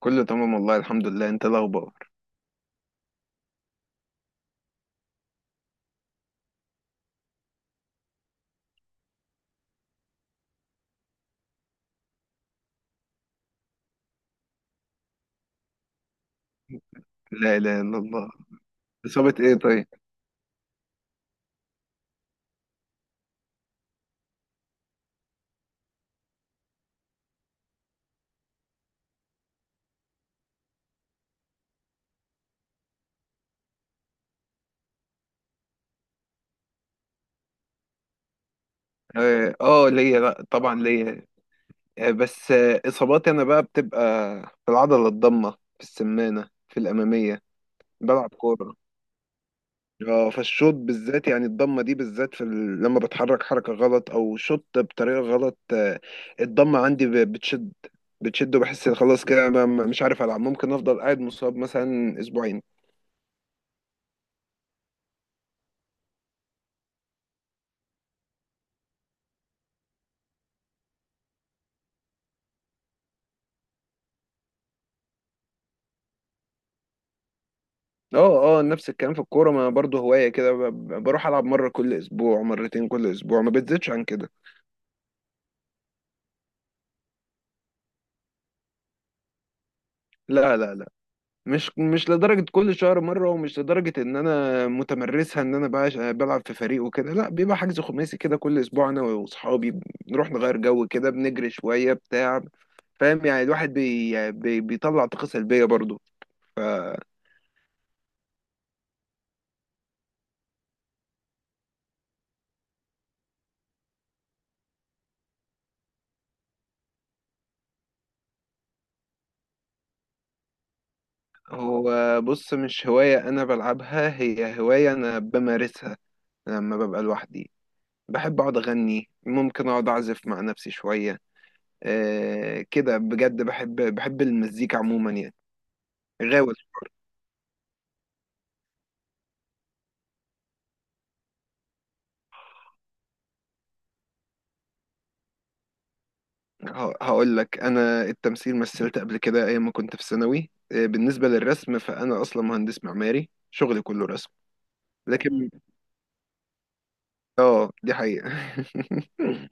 كله تمام والله، الحمد لله. انت إيه الاخبار؟ لا اله الا الله. اصابه ايه؟ طيب. اه، ليا، لا طبعا ليا. آه بس، اصاباتي انا بقى بتبقى في العضله الضامه، في السمانه، في الاماميه، بلعب كوره. اه، فالشوط بالذات يعني الضمه دي بالذات في لما بتحرك حركه غلط او شوط بطريقه غلط. آه، الضمه عندي بتشد، بتشد وبحس ان خلاص كده انا مش عارف العب، ممكن افضل قاعد مصاب مثلا اسبوعين. اه، اه، نفس الكلام في الكورة، ما برضه هواية كده. بروح ألعب مرة كل أسبوع، مرتين كل أسبوع، ما بتزيدش عن كده. لا، لا، لا، مش لدرجة كل شهر مرة، ومش لدرجة إن أنا متمرسها، إن أنا بلعب في فريق وكده. لا، بيبقى حجز خماسي كده كل أسبوع، أنا وأصحابي بنروح نغير جو كده، بنجري شوية بتاع. فاهم يعني؟ الواحد بي يعني بي بيطلع طاقة سلبية برضه. فهو بص، مش هواية أنا بلعبها، هي هواية أنا بمارسها لما ببقى لوحدي. بحب اقعد اغني، ممكن اقعد اعزف مع نفسي شويه. آه كده بجد، بحب المزيكا عموما يعني. غاوي. هقول لك، انا التمثيل مثلت قبل كده ايام ما كنت في ثانوي. آه، بالنسبه للرسم فانا اصلا مهندس معماري، شغلي كله رسم. لكن اه، دي حقيقه.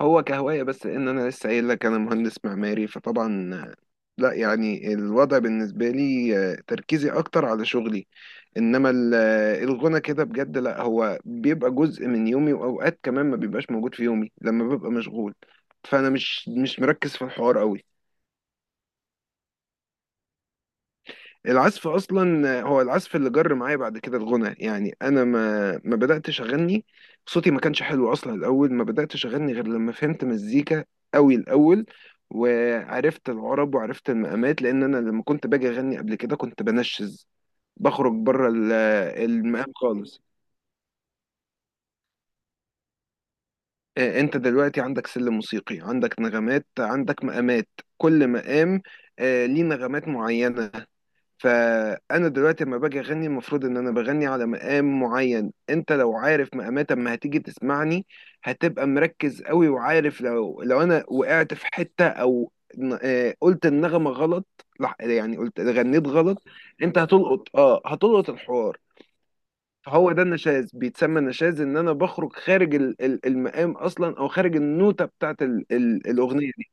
هو كهوايه بس، ان انا لسه قايل لك انا مهندس معماري، فطبعا آه، لا. يعني الوضع بالنسبه لي، آه، تركيزي اكتر على شغلي. انما الغنى كده بجد، لا هو بيبقى جزء من يومي، واوقات كمان ما بيبقاش موجود في يومي لما ببقى مشغول. فانا مش مركز في الحوار قوي. العزف اصلا هو العزف اللي جر معايا بعد كده الغنى. يعني انا ما بداتش اغني، صوتي ما كانش حلو اصلا الاول، ما بداتش اغني غير لما فهمت مزيكا قوي الاول. وعرفت العرب، وعرفت المقامات، لان انا لما كنت باجي اغني قبل كده كنت بنشز، بخرج بره المقام خالص. آه، انت دلوقتي عندك سلم موسيقي، عندك نغمات، عندك مقامات. كل مقام، آه، ليه نغمات معينة. فأنا دلوقتي لما باجي أغني المفروض إن أنا بغني على مقام معين. أنت لو عارف مقامات، أما هتيجي تسمعني هتبقى مركز قوي، وعارف لو أنا وقعت في حتة، أو قلت النغمة غلط، يعني قلت غنيت غلط. أنت هتلقط، أه هتلقط الحوار. فهو ده النشاز، بيتسمى نشاز ان انا بخرج خارج المقام اصلا، او خارج النوتة بتاعت الاغنية دي.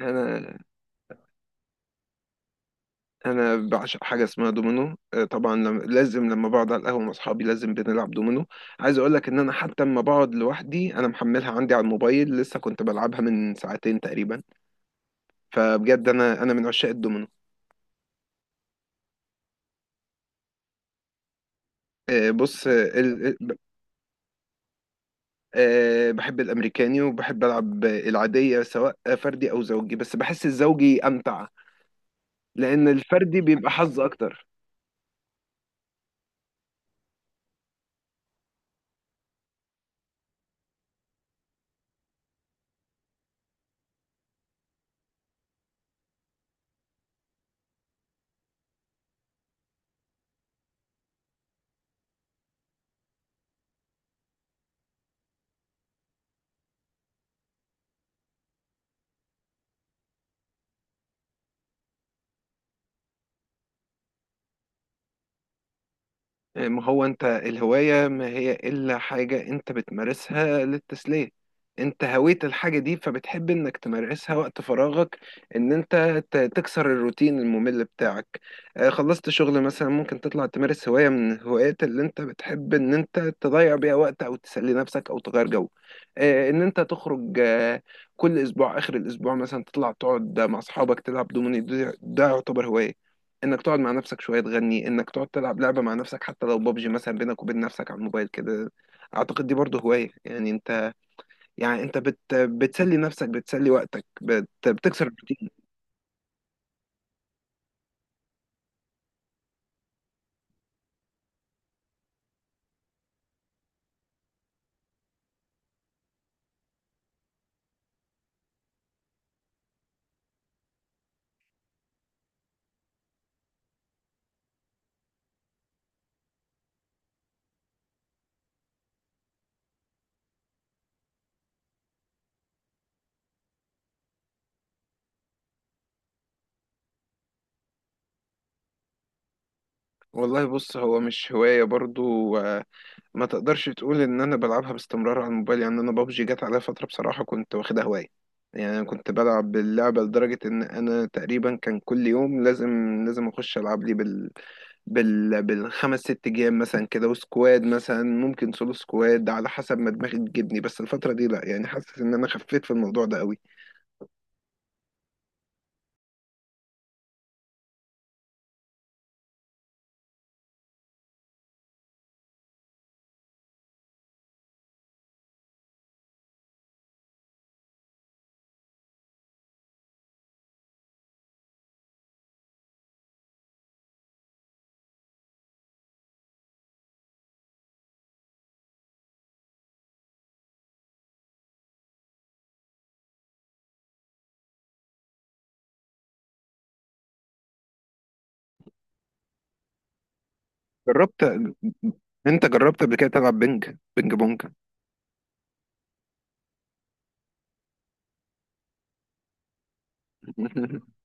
انا انا بعشق حاجة اسمها دومينو. آه طبعا، لازم لما بقعد على القهوة مع اصحابي لازم بنلعب دومينو. عايز اقول لك ان انا حتى لما بقعد لوحدي انا محملها عندي على الموبايل، لسه كنت بلعبها من ساعتين تقريبا. فبجد انا من عشاق الدومينو. آه، بص آه، ال- آه، ب- آه، بحب الامريكاني وبحب العب العادية، سواء فردي او زوجي، بس بحس الزوجي امتع. لأن الفردي بيبقى حظ أكتر. يعني ما هو أنت، الهواية ما هي إلا حاجة أنت بتمارسها للتسلية. أنت هويت الحاجة دي فبتحب إنك تمارسها وقت فراغك، إن أنت تكسر الروتين الممل بتاعك. آه، خلصت شغل مثلا ممكن تطلع تمارس هواية من الهوايات اللي أنت بتحب، إن أنت تضيع بيها وقت أو تسلي نفسك أو تغير جو. آه، إن أنت تخرج، آه، كل أسبوع آخر الأسبوع مثلا تطلع تقعد مع أصحابك تلعب دومينو. ده يعتبر هواية، انك تقعد مع نفسك شويه تغني، انك تقعد تلعب لعبه مع نفسك حتى لو بابجي مثلا بينك وبين نفسك على الموبايل كده. اعتقد دي برضه هوايه. يعني انت، بتسلي نفسك، بتسلي وقتك، بتكسر الروتين. والله بص، هو مش هوايه برضه، ما تقدرش تقول ان انا بلعبها باستمرار على الموبايل. يعني انا بابجي جت عليا فتره بصراحه، كنت واخدها هوايه. يعني انا كنت بلعب باللعبه لدرجه ان انا تقريبا كان كل يوم لازم، لازم اخش العب لي بالخمس ست جيم مثلا كده، وسكواد مثلا، ممكن سولو سكواد على حسب ما دماغي تجيبني. بس الفتره دي لا، يعني حاسس ان انا خفيت في الموضوع ده قوي. جربت. انت جربت قبل كده تلعب بينج بونج؟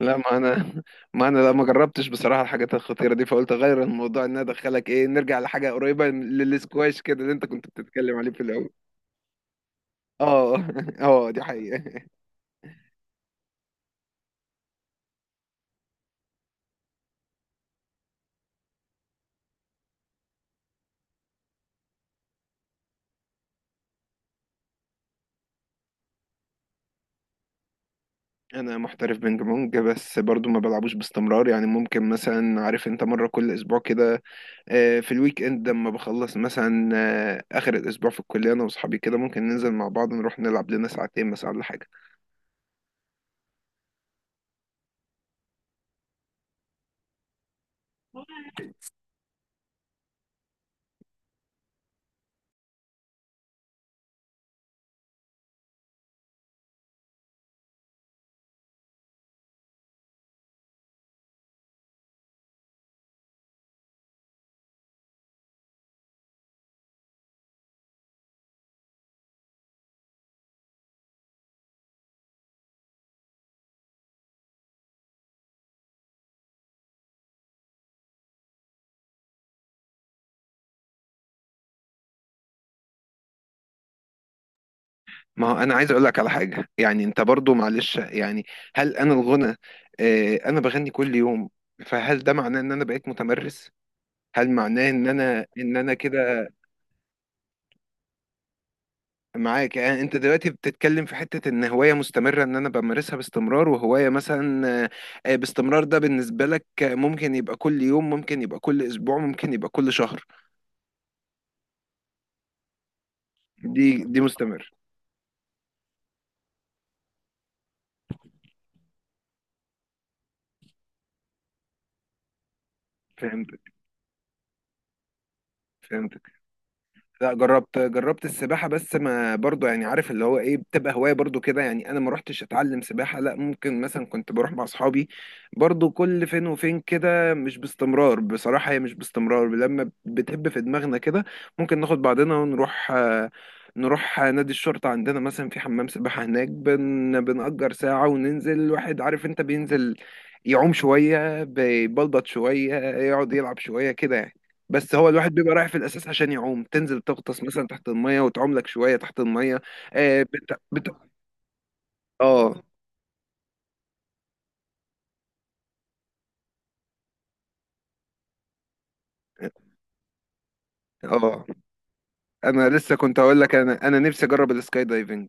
لا، ما انا لا ما جربتش بصراحه الحاجات الخطيره دي، فقلت اغير الموضوع. ان انا ادخلك ايه، نرجع لحاجه قريبه للسكواش كده اللي انت كنت بتتكلم عليه في الاول. اه. اه دي حقيقه. انا محترف بينج بونج، بس برضو ما بلعبوش باستمرار. يعني ممكن مثلا، عارف انت، مره كل اسبوع كده. آه، في الويك اند لما بخلص مثلا، آه، اخر الاسبوع في الكليه، انا واصحابي كده ممكن ننزل مع بعض نروح نلعب لنا ساعتين مثلا ولا حاجه. ما هو انا عايز اقول لك على حاجه، يعني انت برضو معلش يعني. هل انا الغنى، آه انا بغني كل يوم، فهل ده معناه ان انا بقيت متمرس؟ هل معناه ان انا ان انا كده؟ معاك. يعني انت دلوقتي بتتكلم في حته ان هوايه مستمره، ان انا بمارسها باستمرار وهوايه مثلا، آه، آه، باستمرار ده بالنسبه لك، آه، ممكن يبقى كل يوم، ممكن يبقى كل اسبوع، ممكن يبقى كل شهر. دي مستمر. فهمت، فهمت. لا، جربت، جربت السباحة. بس ما برضو، يعني عارف اللي هو ايه، بتبقى هواية برضو كده. يعني انا ما روحتش اتعلم سباحة، لا، ممكن مثلا كنت بروح مع اصحابي، برضو كل فين وفين كده، مش باستمرار بصراحة، هي مش باستمرار. لما بتهب في دماغنا كده ممكن ناخد بعضنا ونروح، آه، نروح نادي الشرطة عندنا مثلا، في حمام سباحة هناك، بنأجر ساعة وننزل. الواحد عارف انت، بينزل يعوم شوية، بيبلبط شوية، يقعد يلعب شوية كده يعني. بس هو الواحد بيبقى رايح في الاساس عشان يعوم، تنزل تغطس مثلا تحت الميه وتعوم لك شويه تحت الميه. آه بت... بت... اه، اه. انا لسه كنت هقول لك، انا انا نفسي اجرب السكاي دايفنج.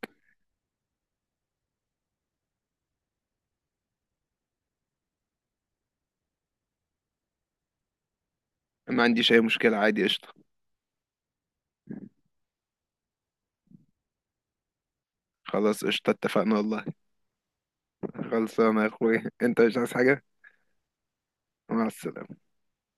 ما عنديش اي مشكله، عادي، قشطه. خلاص قشطه، اتفقنا والله. خلصانه يا اخوي، انت مش عايز حاجه؟ مع السلامه.